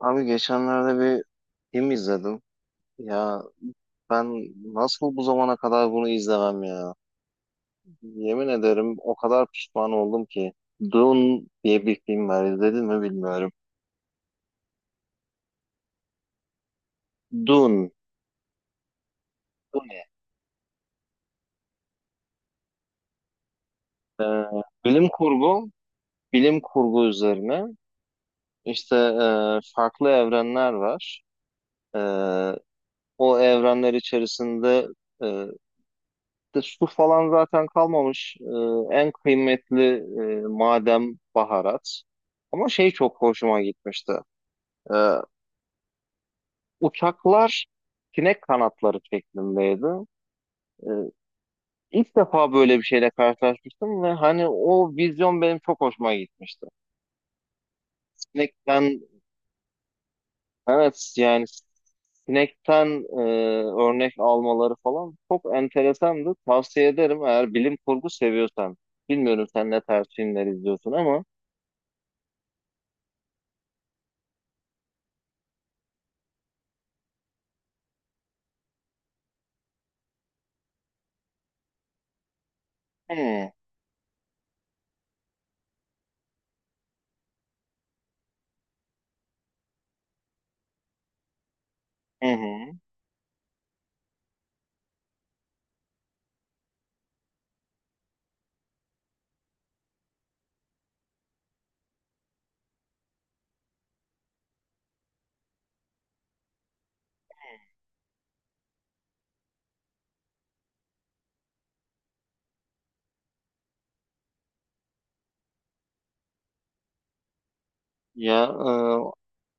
Abi geçenlerde bir film izledim. Ya ben nasıl bu zamana kadar bunu izlemem ya? Yemin ederim o kadar pişman oldum ki. Dune diye bir film var. İzledin mi bilmiyorum. Dune. Bu ne? Ee, Bilim kurgu. Bilim kurgu üzerine. İşte farklı evrenler var. Ee, O evrenler içerisinde e, de, su falan zaten kalmamış. En kıymetli madem baharat. Ama şey çok hoşuma gitmişti. Ee, Uçaklar sinek kanatları şeklindeydi. Ee, ilk defa böyle bir şeyle karşılaşmıştım ve hani o vizyon benim çok hoşuma gitmişti. Sinekten, evet yani sinekten e, örnek almaları falan çok enteresandı. Tavsiye ederim eğer bilim kurgu seviyorsan. Bilmiyorum sen ne tarz filmler izliyorsun ama. Hmm. Hı hı. Ya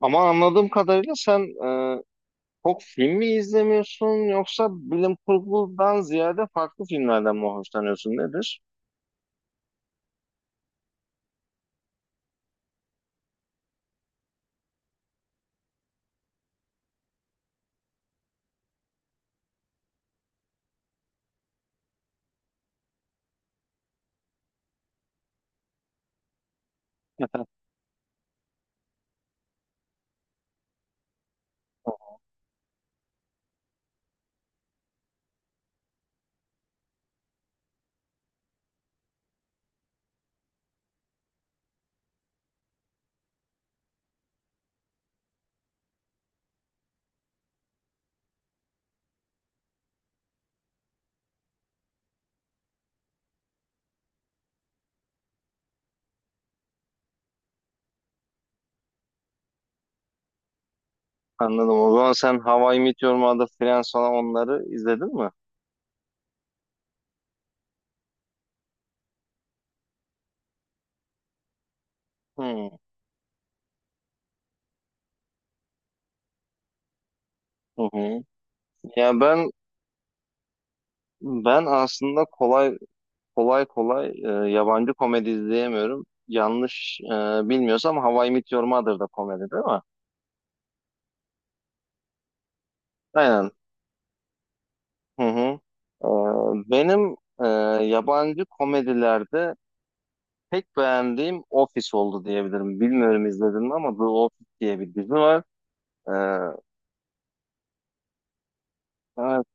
ama anladığım kadarıyla sen çok film mi izlemiyorsun yoksa bilim kurgudan ziyade farklı filmlerden mi hoşlanıyorsun nedir? Anladım. O zaman sen How I Met Your Mother, Friends falan onları izledin mi? Hı hı. Hı. Ya ben aslında kolay kolay yabancı komedi izleyemiyorum. Yanlış bilmiyorsam How I Met Your Mother da komedi değil mi? Aynen. Hı hı. Benim yabancı komedilerde pek beğendiğim Office oldu diyebilirim. Bilmiyorum izledin mi ama The Office diye bir dizi var. Ee, evet,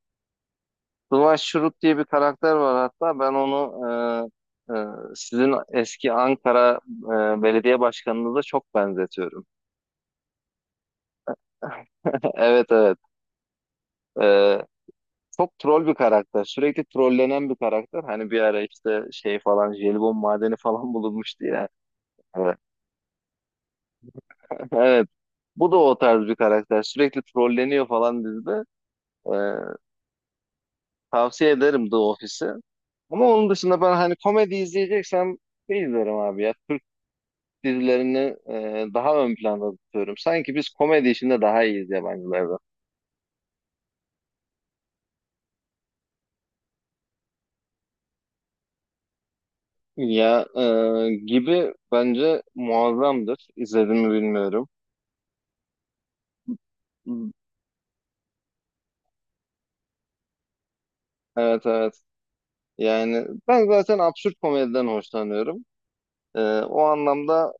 Dwight Schrute diye bir karakter var hatta. Ben onu e, e, sizin eski Ankara belediye başkanınıza çok benzetiyorum. Evet evet. Ee, Çok troll bir karakter. Sürekli trollenen bir karakter. Hani bir ara işte şey falan jelibon madeni falan bulunmuştu ya. Ee, Evet. Bu da o tarz bir karakter. Sürekli trolleniyor falan dizide. Ee, Tavsiye ederim The Office'i. Ama onun dışında ben hani komedi izleyeceksem ne izlerim abi ya? Dizilerini daha ön planda tutuyorum. Sanki biz komedi işinde daha iyiyiz yabancılardan. Ya gibi bence muazzamdır. İzlediğimi bilmiyorum. Evet evet. Yani ben zaten absürt komediden hoşlanıyorum. O anlamda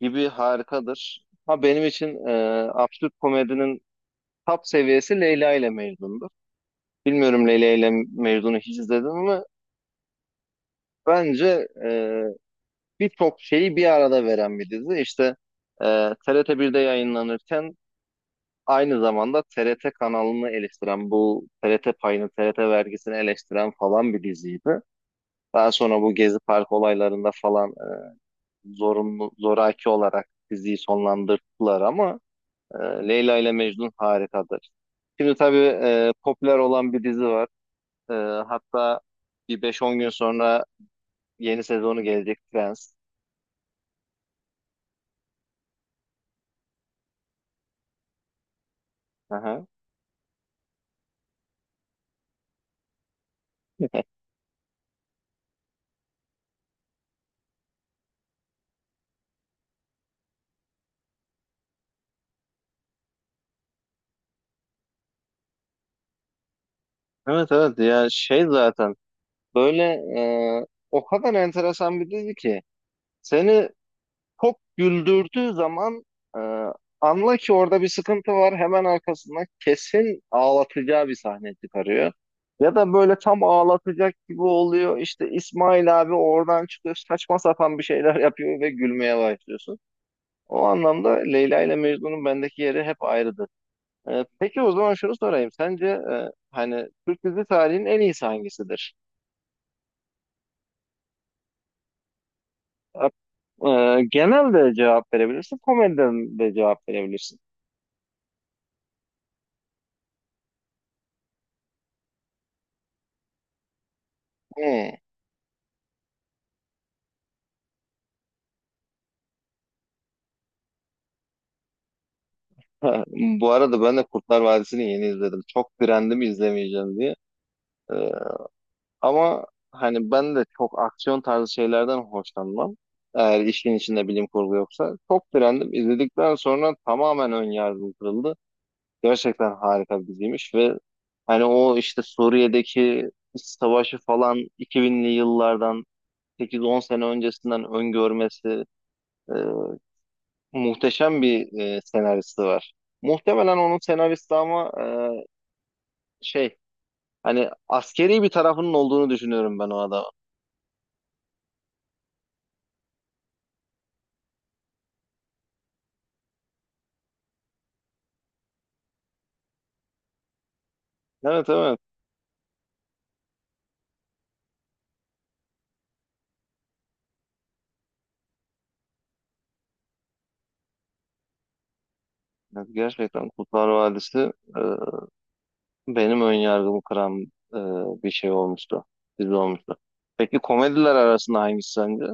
gibi harikadır. Ha benim için absürt komedinin top seviyesi Leyla ile Mecnun'dur. Bilmiyorum Leyla ile Mecnun'u hiç izledim ama bence birçok şeyi bir arada veren bir dizi. İşte e, TRT1'de yayınlanırken aynı zamanda TRT kanalını eleştiren, bu TRT payını, TRT vergisini eleştiren falan bir diziydi. Daha sonra bu Gezi Park olaylarında falan zorunlu, zoraki olarak diziyi sonlandırdılar ama Leyla ile Mecnun harikadır. Şimdi tabii popüler olan bir dizi var. E, Hatta bir 5-10 gün sonra yeni sezonu gelecek Friends. Aha. Evet evet ya şey zaten böyle e, o kadar enteresan bir dizi ki seni çok güldürdüğü zaman e, anla ki orada bir sıkıntı var. Hemen arkasından kesin ağlatacağı bir sahne çıkarıyor. Ya da böyle tam ağlatacak gibi oluyor. İşte İsmail abi oradan çıkıyor. Saçma sapan bir şeyler yapıyor ve gülmeye başlıyorsun. O anlamda Leyla ile Mecnun'un bendeki yeri hep ayrıdır. Peki o zaman şunu sorayım. Sence hani Türk dizi tarihinin en iyisi hangisidir? E, Genel de cevap verebilirsin. Komediden de cevap verebilirsin. Hmm. Ha, bu arada ben de Kurtlar Vadisi'ni yeni izledim. Çok direndim izlemeyeceğim diye. Ee, Ama hani ben de çok aksiyon tarzı şeylerden hoşlanmam. Eğer işin içinde bilim kurgu yoksa. Çok direndim. İzledikten sonra tamamen ön yargım kırıldı. Gerçekten harika bir diziymiş ve hani o işte Suriye'deki iç savaşı falan 2000'li yıllardan 8-10 sene öncesinden öngörmesi, e, muhteşem bir senaristi var. Muhtemelen onun senaristi ama şey hani askeri bir tarafının olduğunu düşünüyorum ben o adamın. Evet evet. Evet, gerçekten Kurtlar Vadisi e, benim ön yargımı kıran e, bir şey olmuştu. Dizi olmuştu. Peki komediler arasında hangisi sence?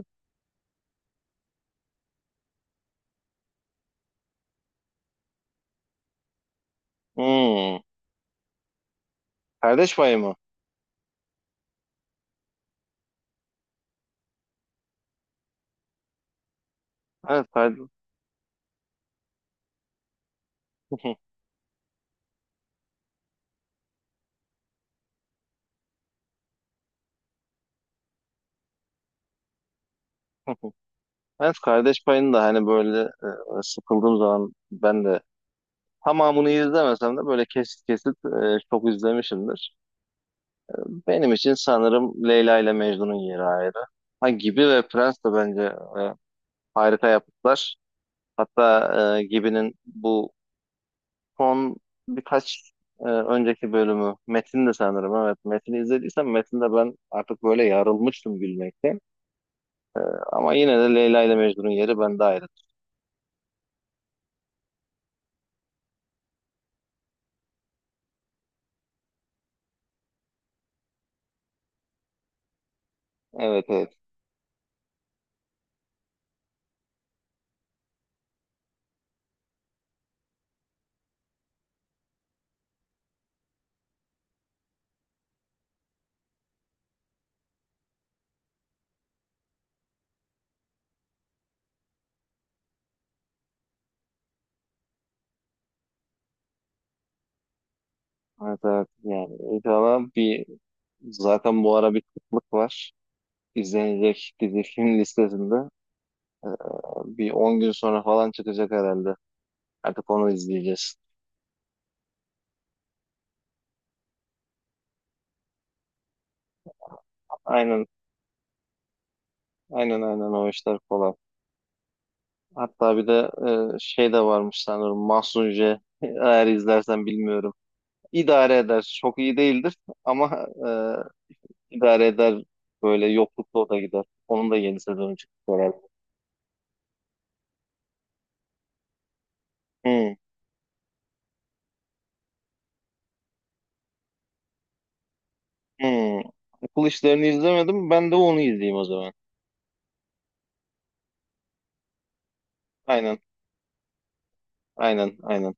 Hmm. Kardeş Payı mı? Evet, kardeş. Evet, Kardeş Payı'nı da hani böyle sıkıldığım zaman ben de tamamını izlemesem de böyle kesit kesit çok izlemişimdir. Benim için sanırım Leyla ile Mecnun'un yeri ayrı. Ha, Gibi ve Prens de bence e, harika yapıtlar. Hatta Gibi'nin bu son birkaç önceki bölümü Metin de sanırım evet. Metin'i izlediysem Metin'de ben artık böyle yarılmıştım gülmekten. Ama yine de Leyla ile Mecnun'un yeri bende ayrı. Evet evet. Evet evet. Yani inşallah bir, zaten bu ara bir kıtlık var. İzlenecek dizi film listesinde. E, Bir 10 gün sonra falan çıkacak herhalde. Artık onu izleyeceğiz. Aynen, aynen, aynen o işler falan. Hatta bir de şey de varmış sanırım Mahsun J. Eğer izlersen bilmiyorum. İdare eder. Çok iyi değildir ama idare eder. Böyle yoklukta o da gider. Onun da yeni sezonu çıktı herhalde. Hmm, hmm. Okul işlerini izlemedim. Ben de onu izleyeyim o zaman. Aynen, aynen, aynen.